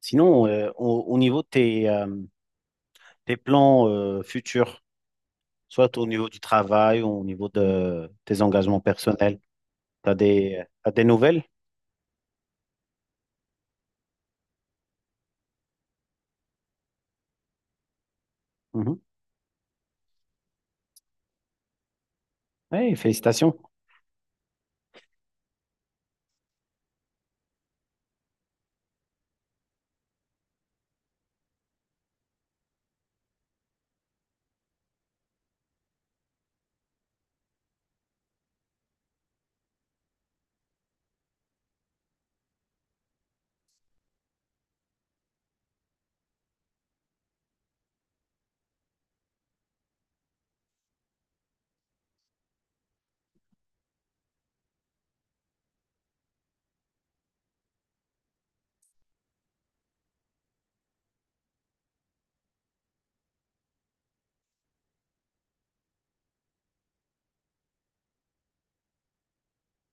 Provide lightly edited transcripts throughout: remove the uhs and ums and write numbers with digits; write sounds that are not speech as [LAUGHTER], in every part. Sinon, au niveau de tes plans futurs, soit au niveau du travail ou au niveau de tes engagements personnels, tu as t'as des nouvelles? Oui, félicitations.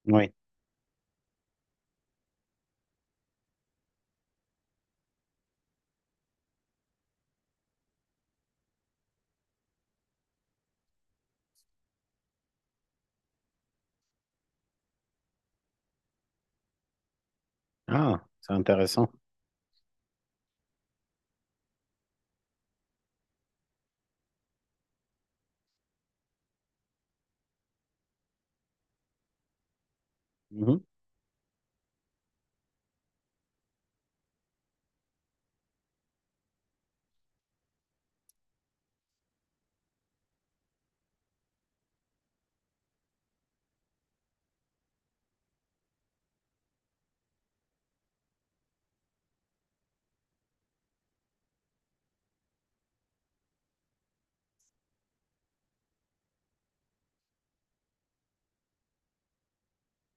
Oui. Ah, c'est intéressant. Mhm,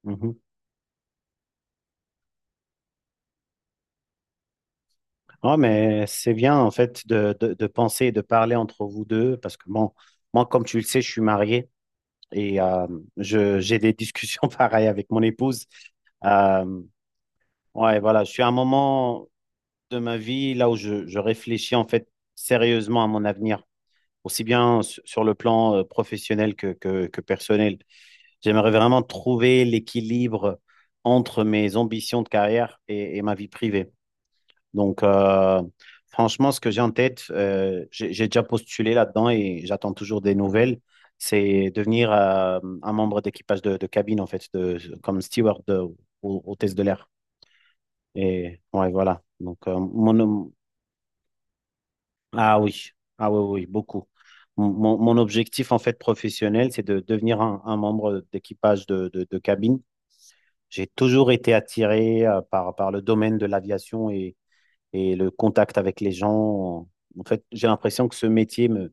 mhm. Ah, mais c'est bien en fait de penser et de parler entre vous deux parce que bon, moi, comme tu le sais, je suis marié et je, j'ai des discussions [LAUGHS] pareilles avec mon épouse. Euh, ouais, voilà, je suis à un moment, de ma vie, là où je réfléchis en fait sérieusement à mon avenir, aussi bien sur le plan professionnel que personnel. J'aimerais vraiment trouver l'équilibre entre mes ambitions de carrière et ma vie privée. Donc, franchement, ce que j'ai en tête, j'ai déjà postulé là-dedans et j'attends toujours des nouvelles. C'est devenir un membre d'équipage de cabine, en fait, de, comme steward au test de l'air. Et ouais, voilà. Donc, Ah oui, ah oui, oui, oui, beaucoup. Mon objectif en fait professionnel, c'est de devenir un membre d'équipage de cabine. J'ai toujours été attiré par le domaine de l'aviation et le contact avec les gens. En fait, j'ai l'impression que ce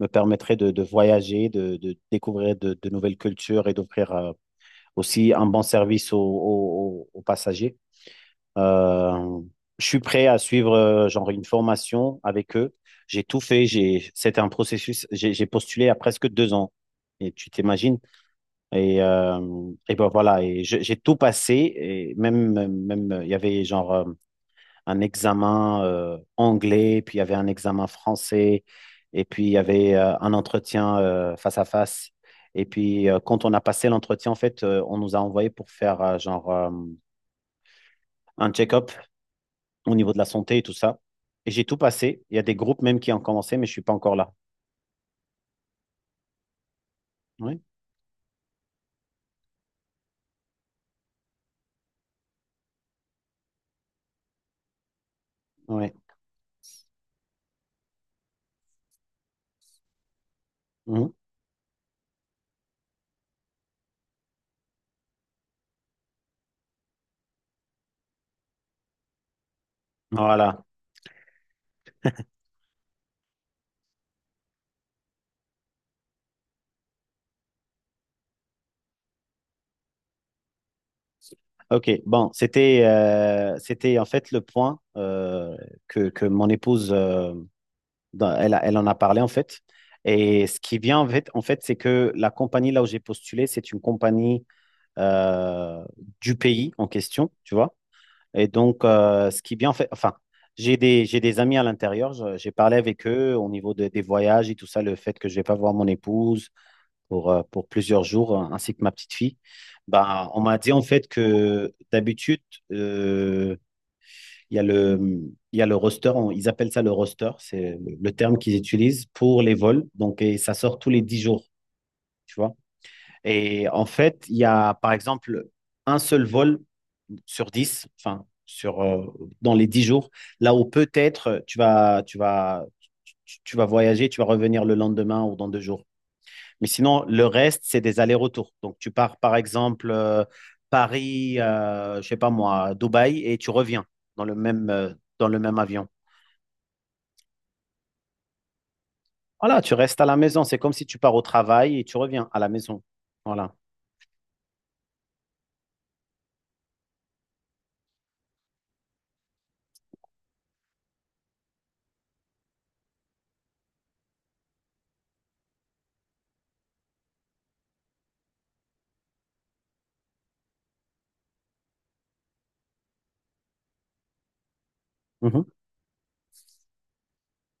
me permettrait de voyager, de découvrir de nouvelles cultures et d'offrir aussi un bon service aux passagers. Euh, je suis prêt à suivre genre une formation avec eux. J'ai tout fait. J'ai, c'était un processus. J'ai postulé à presque 2 ans. Et tu t'imagines? Et ben voilà. J'ai tout passé. Et même, il y avait un examen anglais, puis il y avait un examen français, et puis il y avait un entretien face à face. Et puis quand on a passé l'entretien, en fait, on nous a envoyé pour faire un check-up au niveau de la santé et tout ça. Et j'ai tout passé. Il y a des groupes même qui ont commencé, mais je suis pas encore là. Oui, oui. Mhm. Voilà. OK. Bon, c'était c'était en fait le point que mon épouse, elle, elle en a parlé en fait. Et ce qui vient en fait c'est que la compagnie là où j'ai postulé, c'est une compagnie euh, du pays en question, tu vois. Et donc, ce qui est bien fait, enfin, j'ai des amis à l'intérieur, j'ai parlé avec eux au niveau des voyages et tout ça, le fait que je ne vais pas voir mon épouse pour plusieurs jours, ainsi que ma petite fille. Bah, on m'a dit en fait que d'habitude, euh, il y a le, il y a le roster, ils appellent ça le roster, c'est le terme qu'ils utilisent pour les vols, donc et ça sort tous les 10 jours. Tu vois. Et en fait, il y a par exemple un seul vol sur 10 enfin, dans les 10 jours, là où peut-être tu vas voyager, tu vas revenir le lendemain ou dans 2 jours. Mais sinon, le reste, c'est des allers-retours. Donc, tu pars par exemple Paris, je sais pas moi, Dubaï, et tu reviens dans le même, euh, dans le même avion. Voilà, tu restes à la maison. C'est comme si tu pars au travail et tu reviens à la maison. Voilà. Mhm.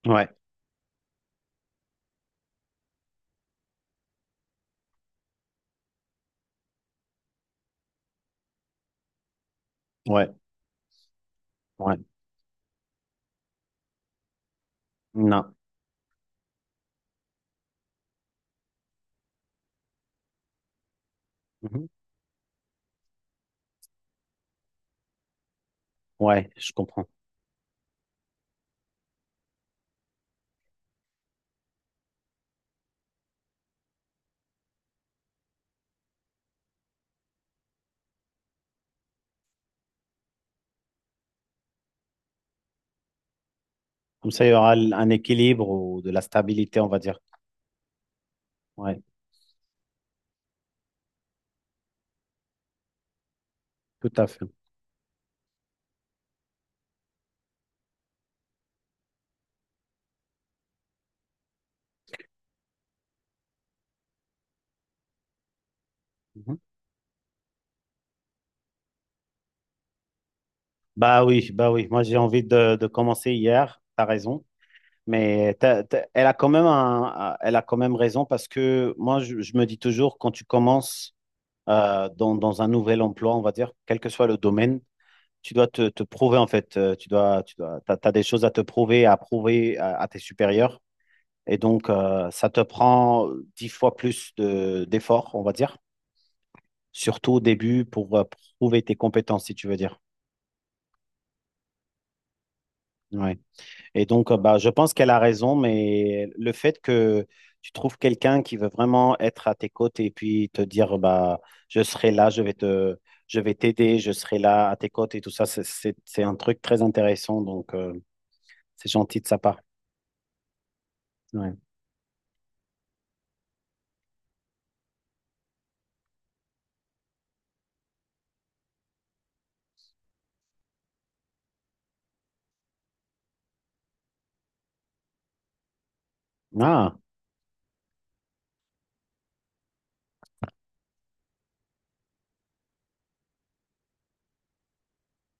Ouais, ouais, ouais. Non. Mhm. Ouais, je comprends. Comme ça, il y aura un équilibre ou de la stabilité, on va dire. Ouais, tout à fait. Mhm. Bah oui, bah oui. Moi, j'ai envie de commencer hier. T'as raison. Mais elle a quand même elle a quand même raison parce que moi, je me dis toujours, quand tu commences dans un nouvel emploi, on va dire, quel que soit le domaine, tu dois te prouver, en fait. Tu dois, t'as des choses à te prouver, à prouver à tes supérieurs. Et donc, ça te prend 10 fois plus d'efforts, on va dire. Surtout au début pour prouver tes compétences, si tu veux dire. Ouais. Et donc, bah, je pense qu'elle a raison, mais le fait que tu trouves quelqu'un qui veut vraiment être à tes côtés et puis te dire, bah, je serai là, je vais t'aider, je serai là à tes côtés et tout ça, c'est un truc très intéressant. Donc, c'est gentil de sa part. Ouais. Ah,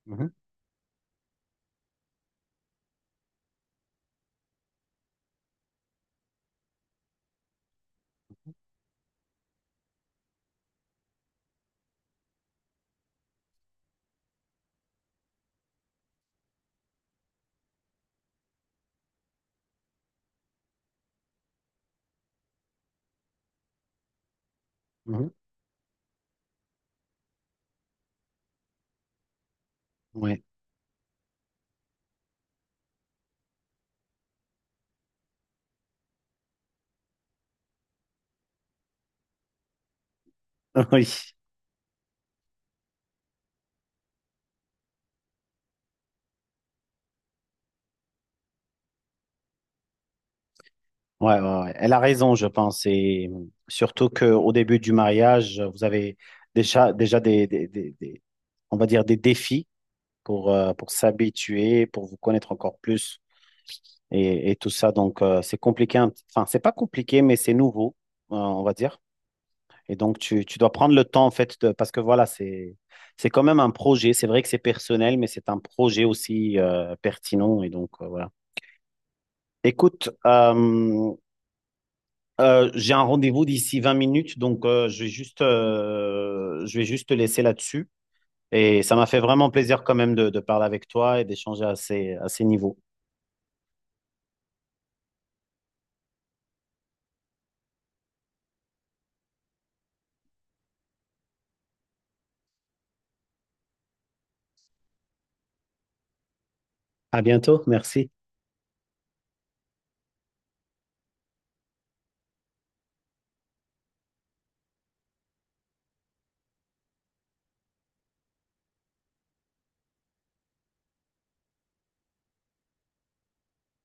mhm, mhm, ouais. [LAUGHS] Oui. Ouais, ouais, ouais. Elle a raison, je pense. Et surtout qu'au début du mariage, vous avez déjà, déjà on va dire des défis pour s'habituer, pour vous connaître encore plus et tout ça. Donc, c'est compliqué. Enfin, c'est pas compliqué, mais c'est nouveau, on va dire. Et donc, tu dois prendre le temps, en fait, parce que voilà, c'est quand même un projet. C'est vrai que c'est personnel, mais c'est un projet aussi, pertinent. Et donc, voilà. Écoute, j'ai un rendez-vous d'ici 20 minutes, donc je vais juste te laisser là-dessus. Et ça m'a fait vraiment plaisir quand même de parler avec toi et d'échanger à à ces niveaux. À bientôt, merci.